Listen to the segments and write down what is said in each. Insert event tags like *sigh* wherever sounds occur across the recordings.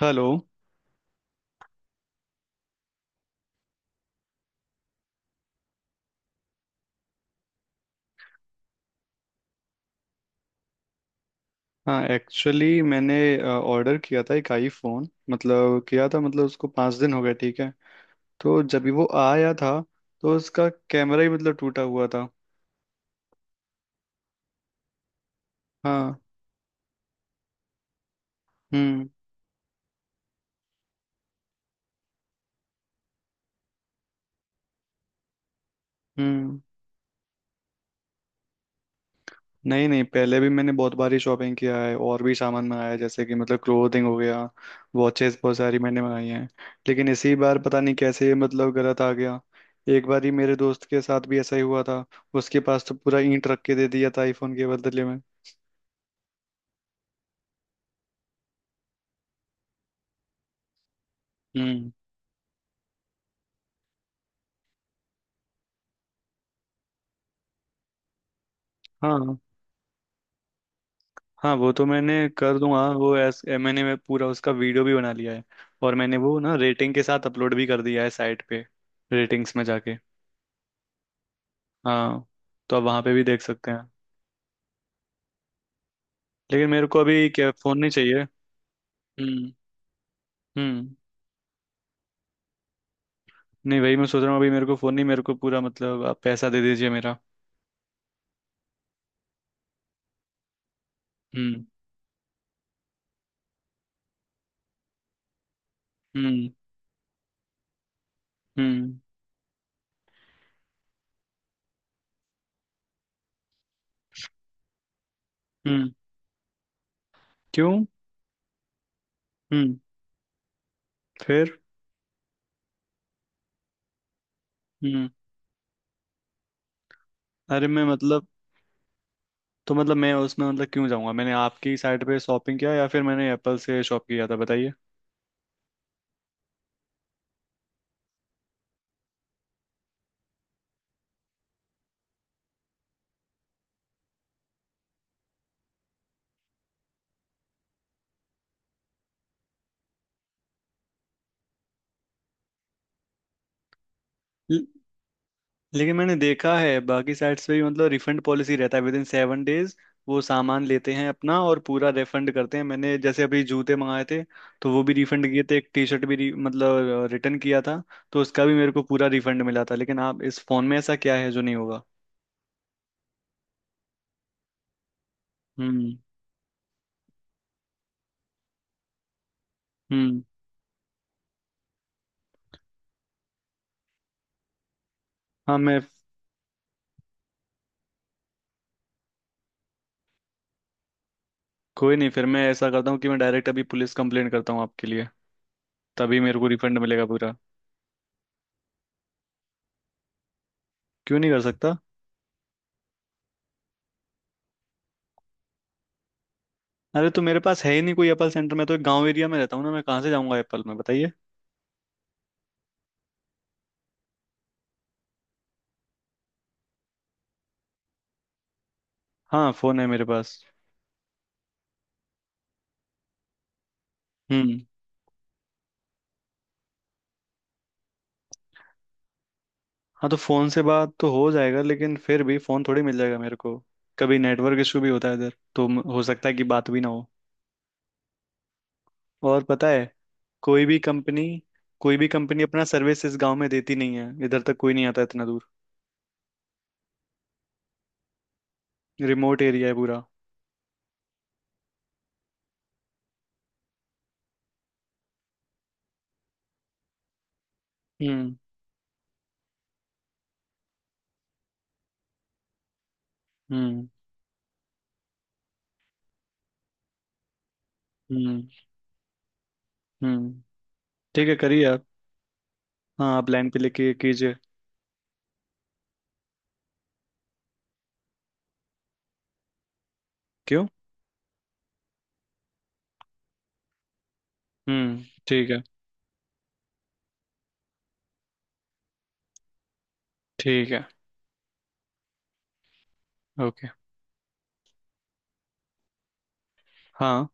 Hello. हाँ actually मैंने order किया था एक आईफोन, मतलब किया था, मतलब उसको 5 दिन हो गए। ठीक है। तो जब भी वो आया था तो उसका कैमरा ही मतलब टूटा हुआ था। हाँ। हम्म। हम्म। नहीं नहीं, पहले भी मैंने बहुत बारी शॉपिंग किया है और भी सामान मंगाया है, जैसे कि मतलब क्लोथिंग हो गया, वॉचेस बहुत सारी मैंने मंगाई हैं। लेकिन इसी बार पता नहीं कैसे मतलब गलत आ गया। एक बार ही मेरे दोस्त के साथ भी ऐसा ही हुआ था। उसके पास तो पूरा ईंट रख के दे दिया था आईफोन के बदले में। हम्म। हाँ। हाँ वो तो मैंने कर दूंगा। वो एस, ए, मैंने मैं पूरा उसका वीडियो भी बना लिया है। और मैंने वो ना रेटिंग के साथ अपलोड भी कर दिया है साइट पे, रेटिंग्स में जाके। हाँ। तो आप वहाँ पे भी देख सकते हैं। लेकिन मेरे को अभी क्या, फ़ोन नहीं चाहिए। हम्म। हम्म। नहीं, वही मैं सोच रहा हूँ। अभी मेरे को फ़ोन नहीं, मेरे को पूरा, मतलब आप पैसा दे दीजिए मेरा। हम्म। हम्म। हम्म। हम्म। क्यों? हम्म। फिर? हम्म। अरे मैं मतलब, तो मतलब मैं उसमें मतलब क्यों जाऊँगा? मैंने आपकी साइट पे शॉपिंग किया या फिर मैंने एप्पल से शॉप किया था, बताइए। लेकिन मैंने देखा है बाकी साइट्स पे भी मतलब रिफंड पॉलिसी रहता है विद इन 7 डेज। वो सामान लेते हैं अपना और पूरा रिफंड करते हैं। मैंने जैसे अभी जूते मंगाए थे तो वो भी रिफंड किए थे। एक टी शर्ट भी मतलब रिटर्न किया था। तो उसका भी मेरे को पूरा रिफंड मिला था, लेकिन आप इस फोन में ऐसा क्या है जो नहीं होगा? हम्म। हम्म। हाँ मैं। कोई नहीं, फिर मैं ऐसा करता हूँ कि मैं डायरेक्ट अभी पुलिस कंप्लेंट करता हूँ आपके लिए। तभी मेरे को रिफंड मिलेगा पूरा। क्यों नहीं कर सकता? अरे तो मेरे पास है ही नहीं कोई एप्पल सेंटर। मैं तो एक गांव एरिया में रहता हूँ ना, मैं कहाँ से जाऊँगा एप्पल में, बताइए। हाँ फोन है मेरे पास। हम्म। हाँ तो फोन से बात तो हो जाएगा, लेकिन फिर भी फोन थोड़ी मिल जाएगा मेरे को। कभी नेटवर्क इशू भी होता है इधर, तो हो सकता है कि बात भी ना हो। और पता है, कोई भी कंपनी, कोई भी कंपनी अपना सर्विस इस गांव में देती नहीं है। इधर तक कोई नहीं आता, इतना दूर। रिमोट एरिया है पूरा। हम्म। हम्म। हम्म। हम्म। ठीक है, करिए आप। हाँ, आप लाइन पे लेके कीजिए। क्यों? ठीक है। ठीक है। ओके। हाँ।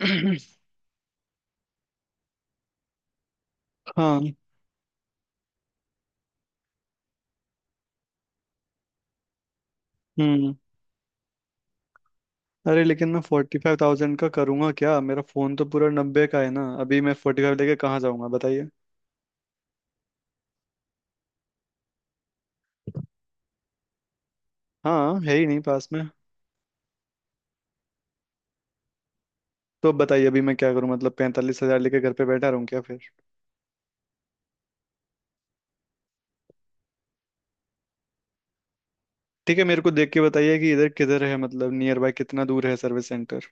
*clears throat* हाँ। हम्म। अरे लेकिन मैं 45,000 का करूंगा क्या? मेरा फोन तो पूरा 90 का है ना। अभी मैं 45 लेके कहाँ जाऊंगा, बताइए। हाँ, है ही नहीं पास में। तो अब बताइए, अभी मैं क्या करूँ? मतलब 45,000 लेके घर पे बैठा रहूँ क्या फिर? ठीक है, मेरे को देख के बताइए कि इधर किधर है, मतलब नियर बाय कितना दूर है सर्विस सेंटर।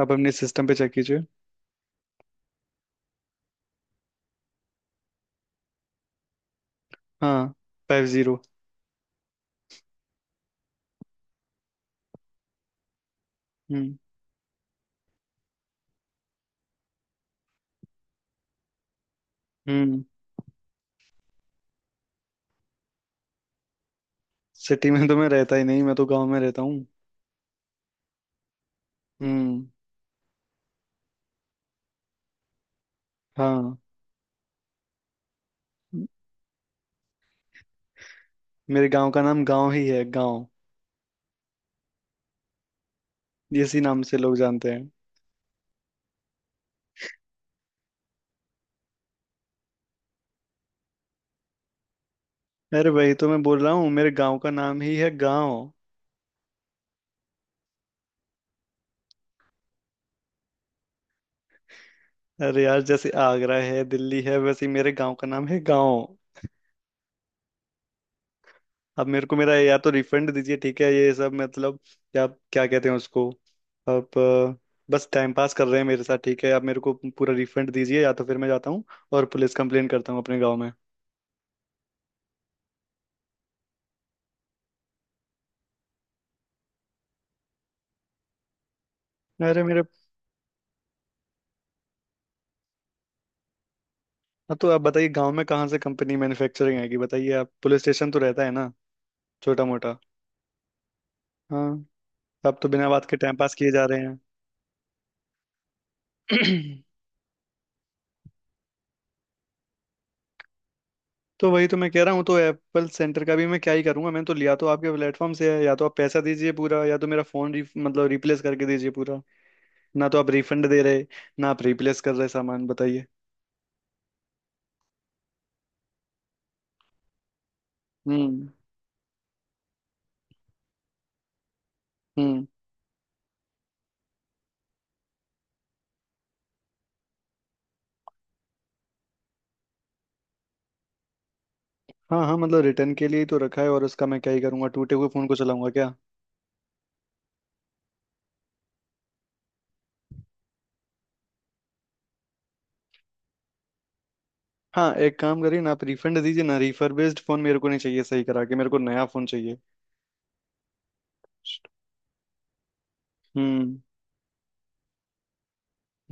आप अपने सिस्टम पे चेक कीजिए। हाँ, 50। हम्म। हम्म। सिटी में तो मैं रहता ही नहीं, मैं तो गाँव में रहता हूँ। हम्म। हाँ, मेरे गाँव का नाम गाँव ही है, गाँव। इसी नाम से लोग जानते हैं। अरे भाई, तो मैं बोल रहा हूँ मेरे गांव का नाम ही है गांव। अरे यार, जैसे आगरा है, दिल्ली है, वैसे ही मेरे गांव का नाम है गांव। अब मेरे को मेरा या तो रिफंड दीजिए, ठीक है? ये सब मतलब क्या क्या कहते हैं उसको। अब बस टाइम पास कर रहे हैं मेरे साथ। ठीक है, आप मेरे को पूरा रिफंड दीजिए, या तो फिर मैं जाता हूँ और पुलिस कंप्लेन करता हूँ अपने गाँव में। अरे मेरे। हाँ, तो आप बताइए, गाँव में कहाँ से कंपनी मैन्युफैक्चरिंग आएगी, बताइए। आप, पुलिस स्टेशन तो रहता है ना, छोटा मोटा। हाँ। आप तो बिना बात के टाइम पास किए जा रहे हैं। *clears throat* तो वही तो मैं कह रहा हूँ। तो एप्पल सेंटर का भी मैं क्या ही करूंगा, मैंने तो लिया तो आपके प्लेटफॉर्म से है। या तो आप पैसा दीजिए पूरा, या तो मेरा फोन मतलब रिप्लेस करके दीजिए पूरा। ना तो आप रिफंड दे रहे, ना आप रिप्लेस कर रहे सामान, बताइए। हम्म। हम्म। हाँ हाँ, मतलब रिटर्न के लिए ही तो रखा है। और उसका मैं क्या ही करूंगा, टूटे हुए फोन को चलाऊंगा क्या? हाँ एक काम करिए ना, आप रिफंड दीजिए ना। रिफर्बिश्ड फोन मेरे को नहीं चाहिए, सही करा के। मेरे को नया फोन चाहिए। हम्म।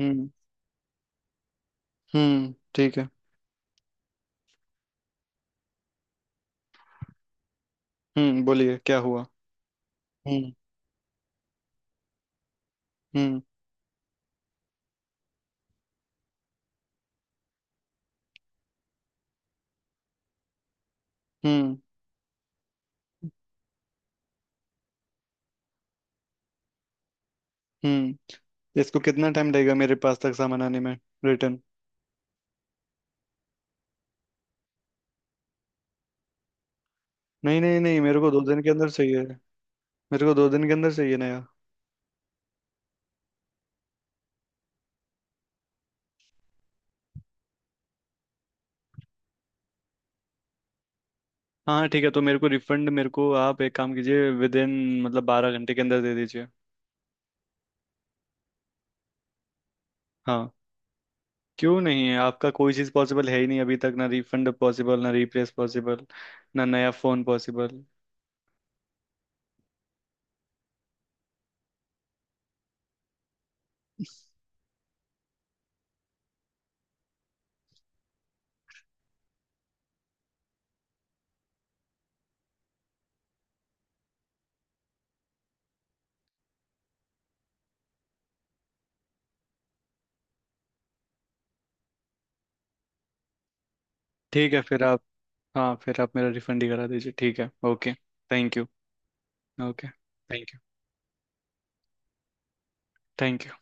हम्म। ठीक है। हम्म, बोलिए क्या हुआ। हम्म। हम्म। हम्म। हम्म। इसको कितना टाइम लगेगा मेरे पास तक सामान आने में, रिटर्न? नहीं नहीं नहीं, मेरे को 2 दिन के अंदर चाहिए। मेरे को 2 दिन के अंदर चाहिए, नया। हाँ ठीक है, तो मेरे को रिफंड। मेरे को आप एक काम कीजिए, विद इन मतलब 12 घंटे के अंदर दे दीजिए। हाँ। क्यों नहीं है? आपका कोई चीज़ पॉसिबल है ही नहीं अभी तक। ना रिफंड पॉसिबल, ना रिप्लेस पॉसिबल, ना नया फ़ोन पॉसिबल। ठीक है, फिर आप। हाँ, फिर आप मेरा रिफंड ही करा दीजिए। ठीक है। Okay. Thank you. Okay. Thank you. Thank you.